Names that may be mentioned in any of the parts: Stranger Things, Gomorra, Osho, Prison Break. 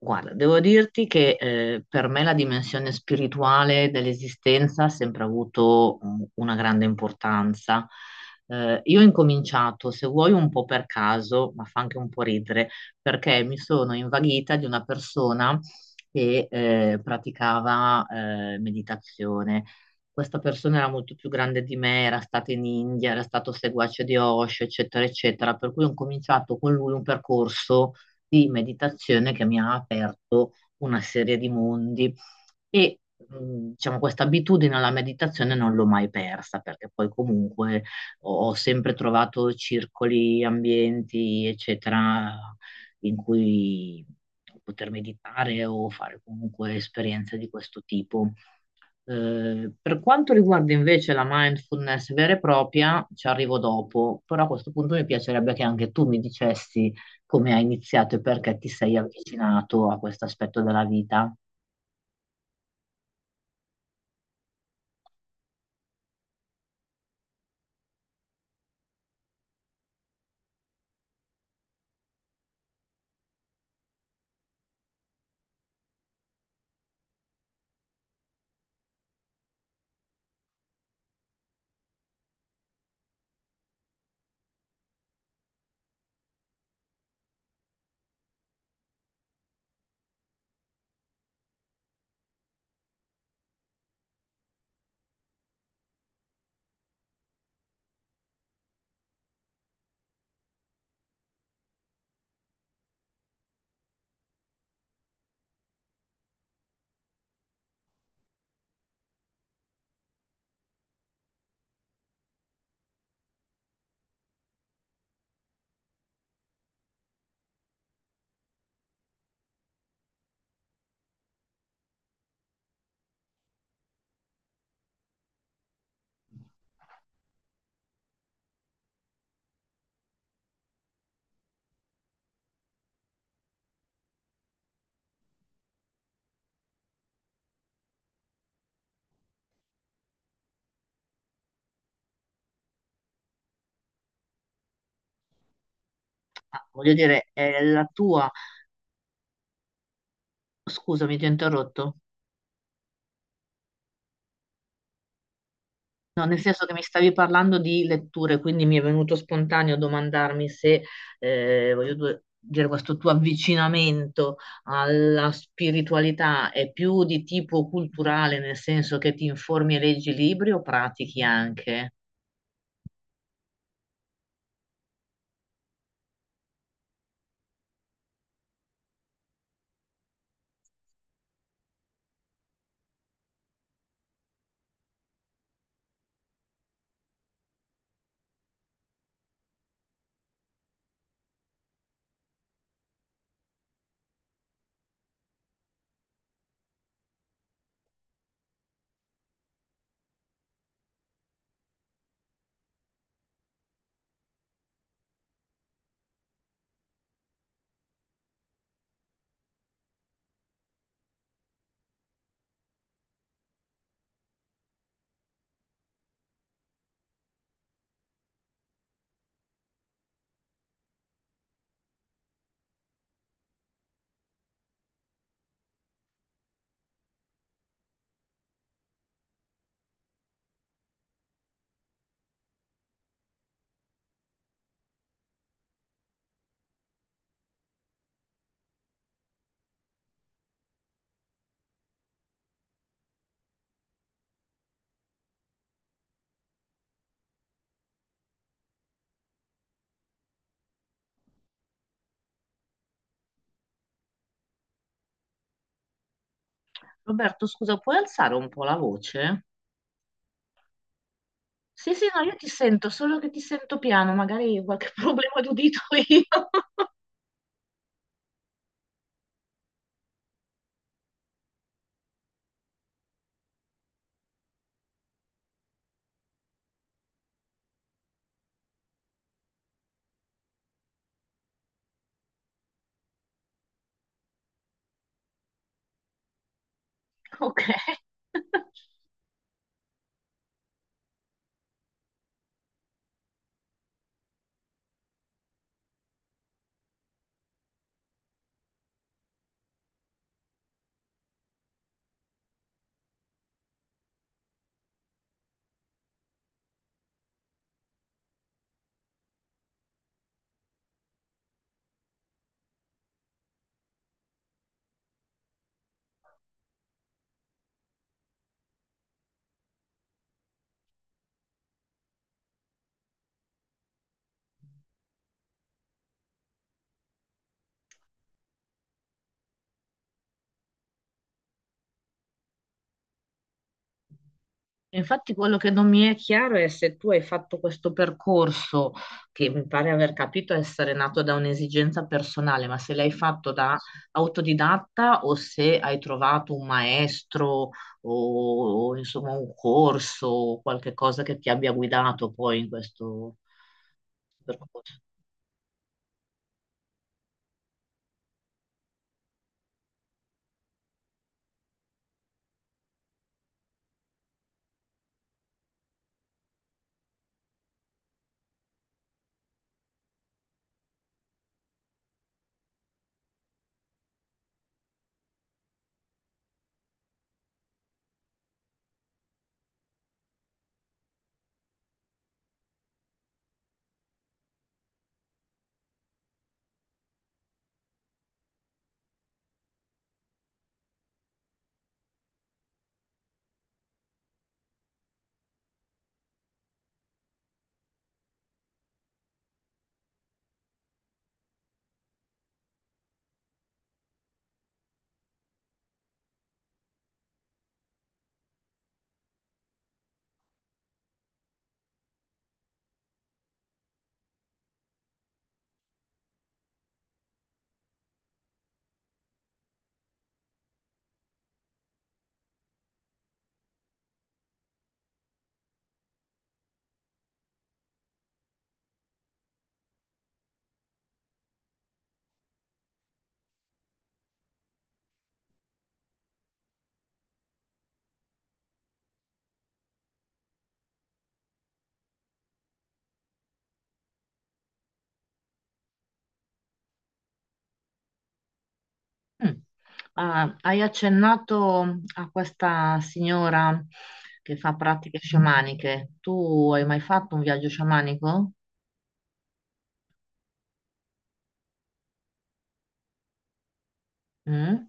Guarda, devo dirti che per me la dimensione spirituale dell'esistenza ha sempre avuto una grande importanza. Io ho incominciato, se vuoi, un po' per caso, ma fa anche un po' ridere, perché mi sono invaghita di una persona che praticava meditazione. Questa persona era molto più grande di me, era stata in India, era stato seguace di Osho, eccetera, eccetera, per cui ho cominciato con lui un percorso di meditazione che mi ha aperto una serie di mondi e diciamo, questa abitudine alla meditazione non l'ho mai persa, perché poi comunque ho sempre trovato circoli, ambienti, eccetera, in cui poter meditare o fare comunque esperienze di questo tipo. Per quanto riguarda invece la mindfulness vera e propria, ci arrivo dopo, però a questo punto mi piacerebbe che anche tu mi dicessi come hai iniziato e perché ti sei avvicinato a questo aspetto della vita. Ah, voglio dire, è la tua... Scusami, ti ho interrotto. No, nel senso che mi stavi parlando di letture, quindi mi è venuto spontaneo domandarmi se, voglio dire, questo tuo avvicinamento alla spiritualità è più di tipo culturale, nel senso che ti informi e leggi libri o pratichi anche? Roberto, scusa, puoi alzare un po' la voce? Sì, sì, no, io ti sento, solo che ti sento piano, magari qualche problema d'udito io. Ok. Infatti quello che non mi è chiaro è se tu hai fatto questo percorso, che mi pare aver capito essere nato da un'esigenza personale, ma se l'hai fatto da autodidatta o se hai trovato un maestro o, insomma, un corso o qualche cosa che ti abbia guidato poi in questo percorso. Mm. Ah, hai accennato a questa signora che fa pratiche sciamaniche. Tu hai mai fatto un viaggio sciamanico? Mm?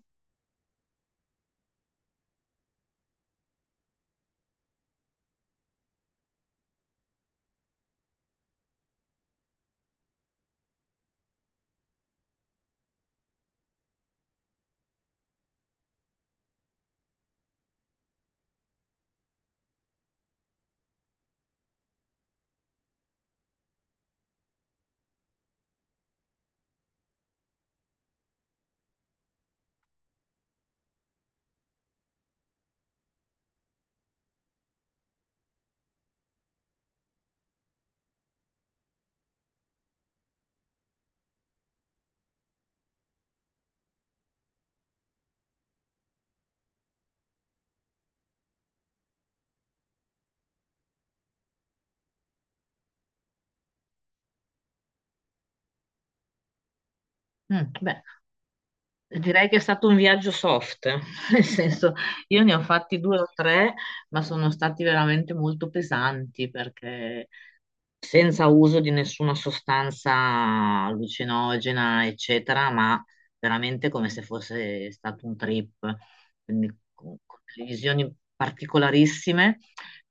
Mm, beh, direi che è stato un viaggio soft, nel senso io ne ho fatti due o tre, ma sono stati veramente molto pesanti perché senza uso di nessuna sostanza allucinogena, eccetera, ma veramente come se fosse stato un trip, quindi con delle visioni particolarissime.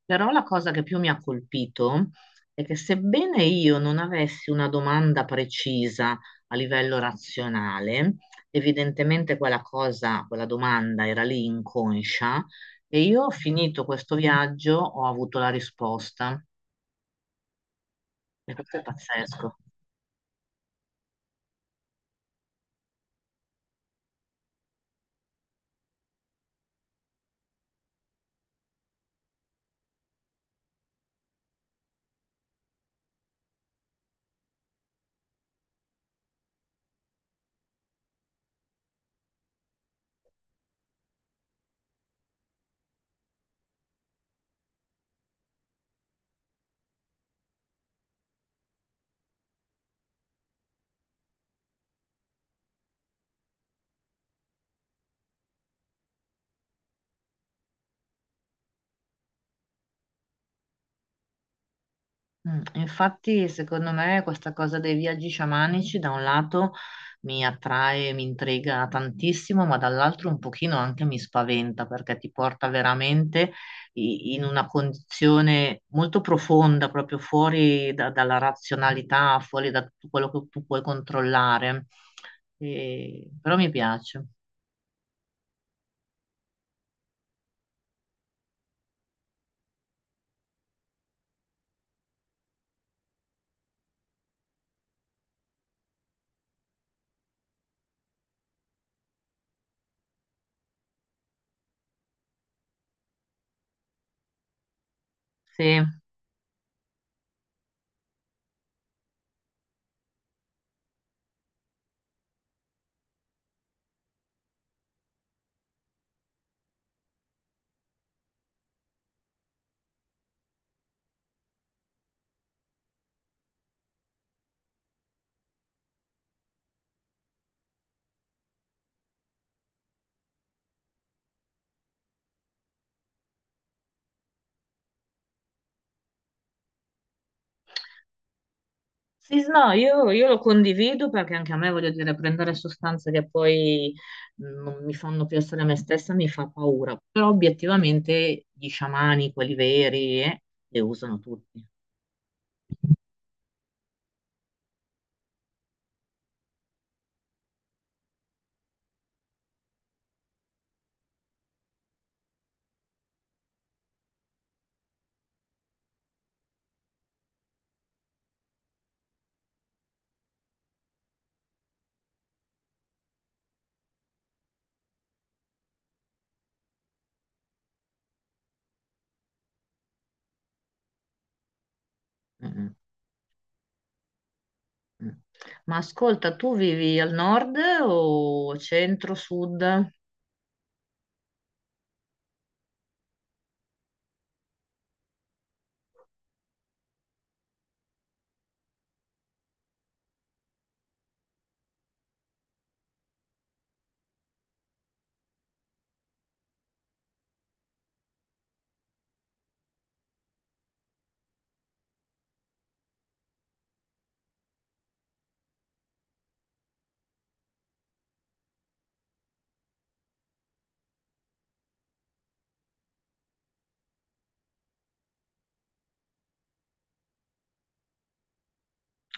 Però la cosa che più mi ha colpito è che sebbene io non avessi una domanda precisa a livello razionale, evidentemente quella cosa, quella domanda era lì inconscia e io ho finito questo viaggio, ho avuto la risposta. E questo è pazzesco. Mm, infatti, secondo me, questa cosa dei viaggi sciamanici da un lato mi attrae, mi intriga tantissimo, ma dall'altro un pochino anche mi spaventa, perché ti porta veramente in una condizione molto profonda, proprio fuori dalla razionalità, fuori da tutto quello che tu puoi controllare. Però mi piace. Sì. Sì, no, io lo condivido perché anche a me, voglio dire, prendere sostanze che poi non mi fanno più essere me stessa mi fa paura. Però obiettivamente gli sciamani, quelli veri, le usano tutti. Mm, mm, mm. Ma ascolta, tu vivi al nord o centro, sud?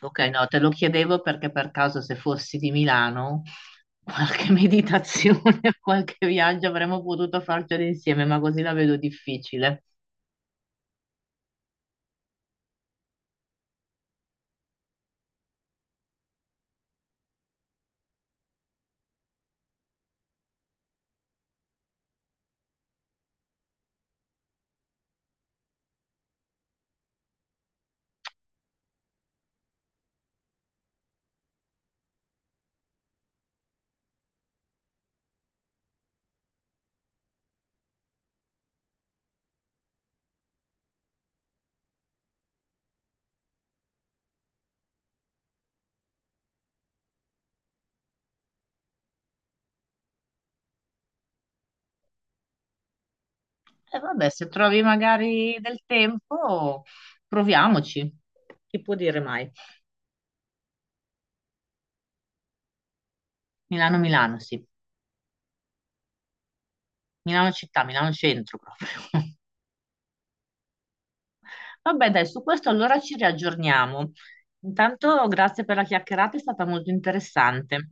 Ok, no, te lo chiedevo perché per caso se fossi di Milano, qualche meditazione, qualche viaggio avremmo potuto farcelo insieme, ma così la vedo difficile. E vabbè, se trovi magari del tempo, proviamoci. Chi può dire mai? Milano-Milano, sì. Milano città, Milano centro proprio. Vabbè, dai, su questo allora ci riaggiorniamo. Intanto grazie per la chiacchierata, è stata molto interessante.